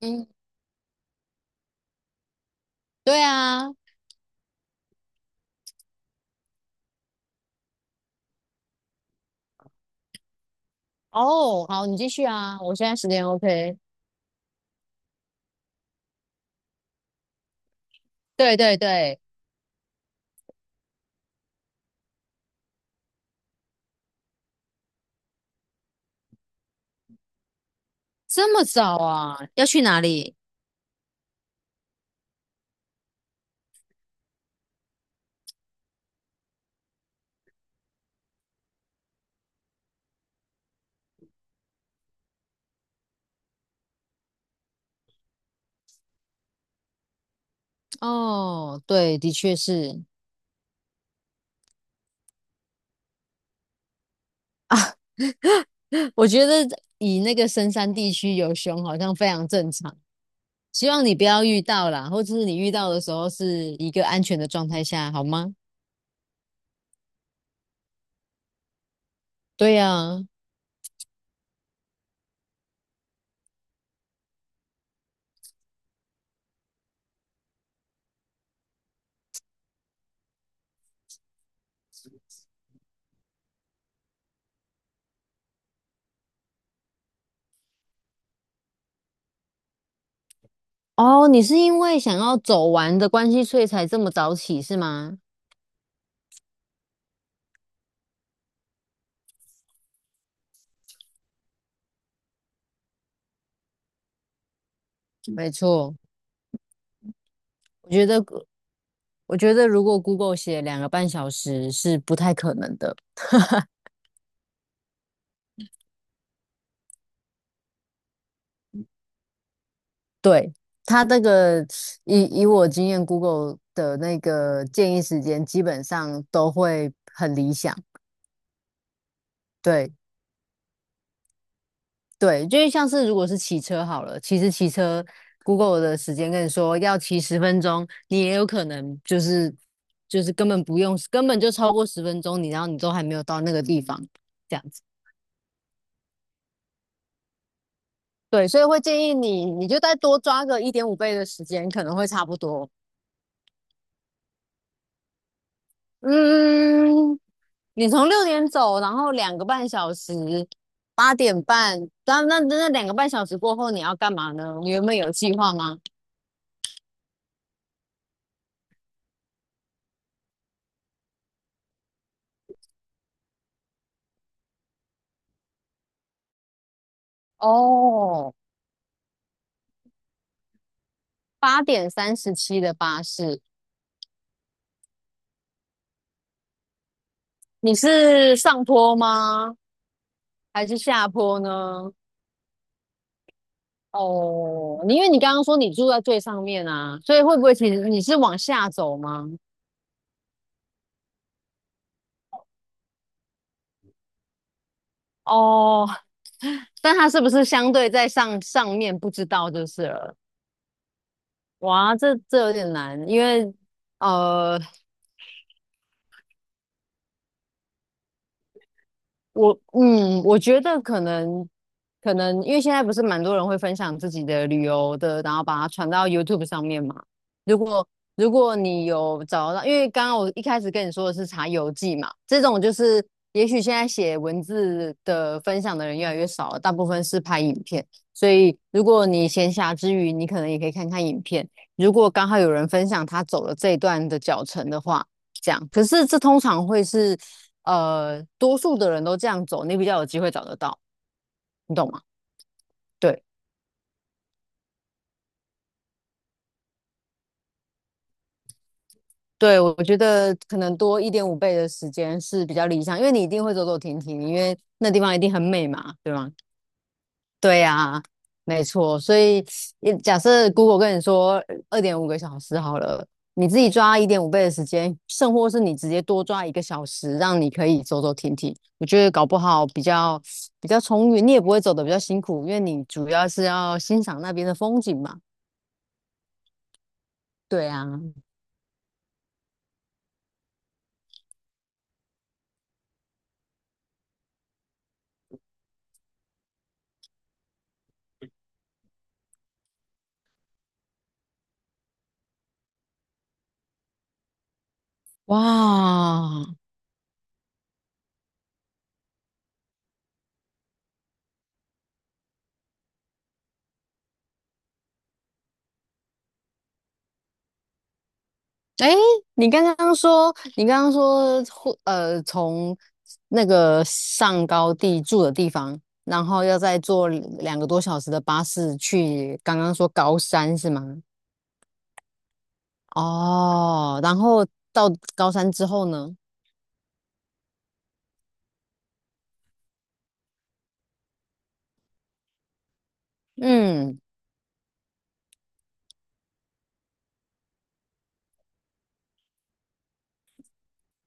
嗯，对啊。哦，好，你继续啊，我现在时间 OK。对对对。这么早啊？要去哪里？哦，对，的确是啊。我觉得以那个深山地区有熊好像非常正常，希望你不要遇到啦，或者是你遇到的时候是一个安全的状态下，好吗？对呀。哦，你是因为想要走完的关系，所以才这么早起是吗？没错。我觉得。我觉得如果 Google 写2个半小时是不太可能的。对，它那个以我经验，Google 的那个建议时间基本上都会很理想。对对。就是像是如果是骑车好了，其实骑车 Google 的时间跟你说要骑十分钟，你也有可能就是根本不用，根本就超过十分钟，你然后你都还没有到那个地方，这样子。对，所以会建议你，你就再多抓个一点五倍的时间，可能会差不多。嗯，你从6点走，然后两个半小时，8点半，那两个半小时过后你要干嘛呢？你原本有计划吗？哦，8点37的巴士。你是上坡吗？还是下坡呢？哦，你因为你刚刚说你住在最上面啊，所以会不会其实你是往下走吗？哦，但它是不是相对在上面不知道就是了。哇，这这有点难，因为呃，我觉得可能，因为现在不是蛮多人会分享自己的旅游的，然后把它传到 YouTube 上面嘛。如果如果你有找到，因为刚刚我一开始跟你说的是查游记嘛，这种就是也许现在写文字的分享的人越来越少了，大部分是拍影片。所以如果你闲暇之余，你可能也可以看看影片。如果刚好有人分享他走了这一段的脚程的话，这样。可是这通常会是。呃，多数的人都这样走，你比较有机会找得到，你懂吗？对对，我觉得可能多一点五倍的时间是比较理想，因为你一定会走走停停，因为那地方一定很美嘛，对吗？对呀，没错。所以也假设 Google 跟你说2.5个小时好了，你自己抓一点五倍的时间，甚或是你直接多抓一个小时，让你可以走走停停，我觉得搞不好比较充裕，你也不会走的比较辛苦，因为你主要是要欣赏那边的风景嘛。对啊。哇。哎，你刚刚说，你刚刚说，从那个上高地住的地方，然后要再坐2个多小时的巴士去，刚刚说高山是吗？哦，然后到高山之后呢？嗯，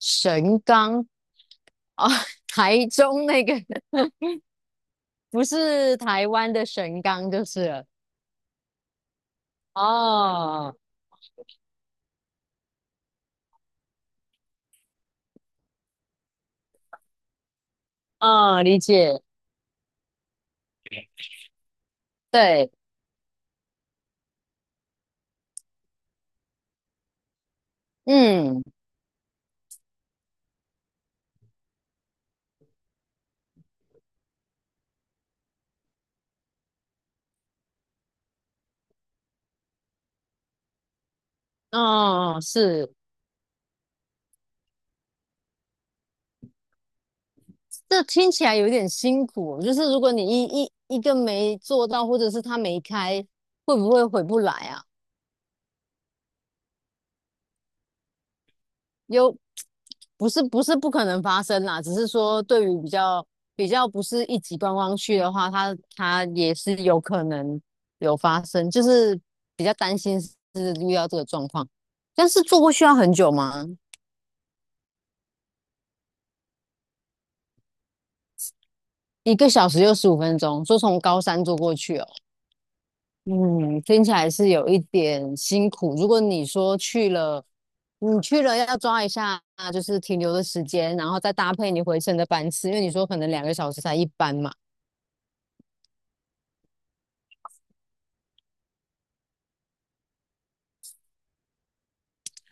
神冈。哦，台中那个不是台湾的神冈就是了。哦，啊，理解，对，嗯。哦，哦哦是，这听起来有点辛苦。就是如果你一个没做到，或者是他没开，会不会回不来啊？又不是不是不可能发生啦，只是说对于比较不是一级观光区的话，它也是有可能有发生，就是比较担心是遇到这个状况。但是坐过去要很久吗？1个小时又15分钟，说从高山坐过去哦。嗯，听起来是有一点辛苦。如果你说去了，你去了要抓一下，就是停留的时间，然后再搭配你回程的班次，因为你说可能2个小时才一班嘛。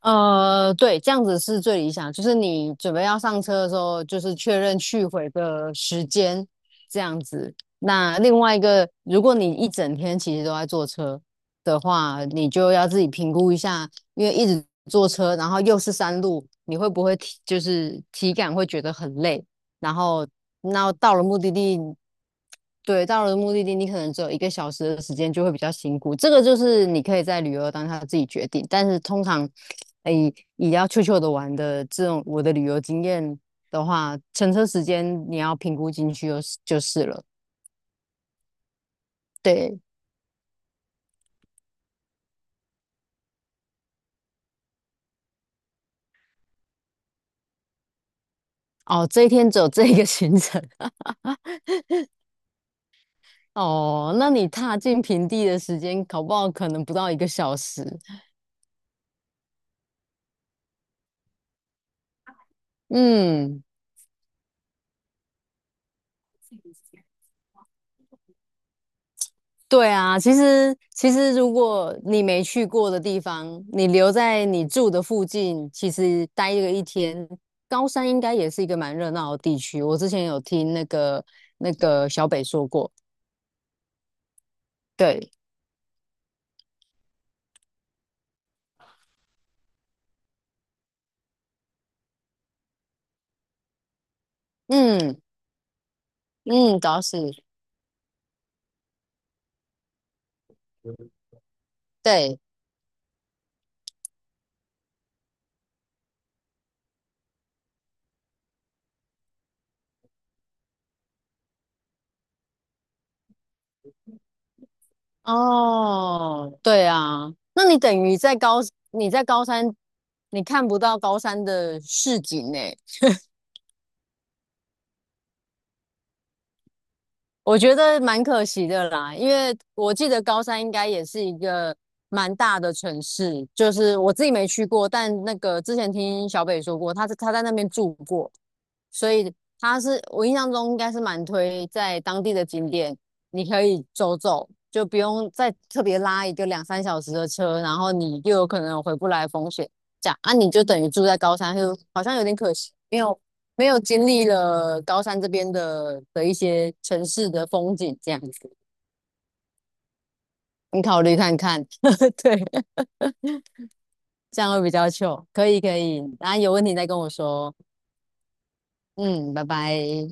呃，对，这样子是最理想，就是你准备要上车的时候，就是确认去回的时间，这样子。那另外一个，如果你一整天其实都在坐车的话，你就要自己评估一下，因为一直坐车，然后又是山路，你会不会体就是体感会觉得很累？然后那到了目的地，对，到了目的地，你可能只有一个小时的时间，就会比较辛苦。这个就是你可以在旅游当下自己决定，但是通常，哎，也要悄悄的玩的这种我的旅游经验的话，乘车时间你要评估进去就是了。对，哦，这一天只有这一个行程哦，那你踏进平地的时间，搞不好可能不到一个小时。嗯。对啊，其实其实如果你没去过的地方，你留在你住的附近，其实待个一天，高山应该也是一个蛮热闹的地区。我之前有听那个那个小北说过，对，嗯嗯，倒是对哦，对啊，那你等于在高山，你看不到高山的市景呢，我觉得蛮可惜的啦，因为我记得高山应该也是一个蛮大的城市，就是我自己没去过，但那个之前听小北说过，他在那边住过，所以他是我印象中应该是蛮推在当地的景点，你可以走走，就不用再特别拉一个两三小时的车，然后你又有可能有回不来的风险。这样啊，你就等于住在高山，就好像有点可惜，没有经历了高山这边的一些城市的风景这样子。你考虑看看，对，这样会比较糗。可以可以，然后有问题再跟我说。嗯，拜拜。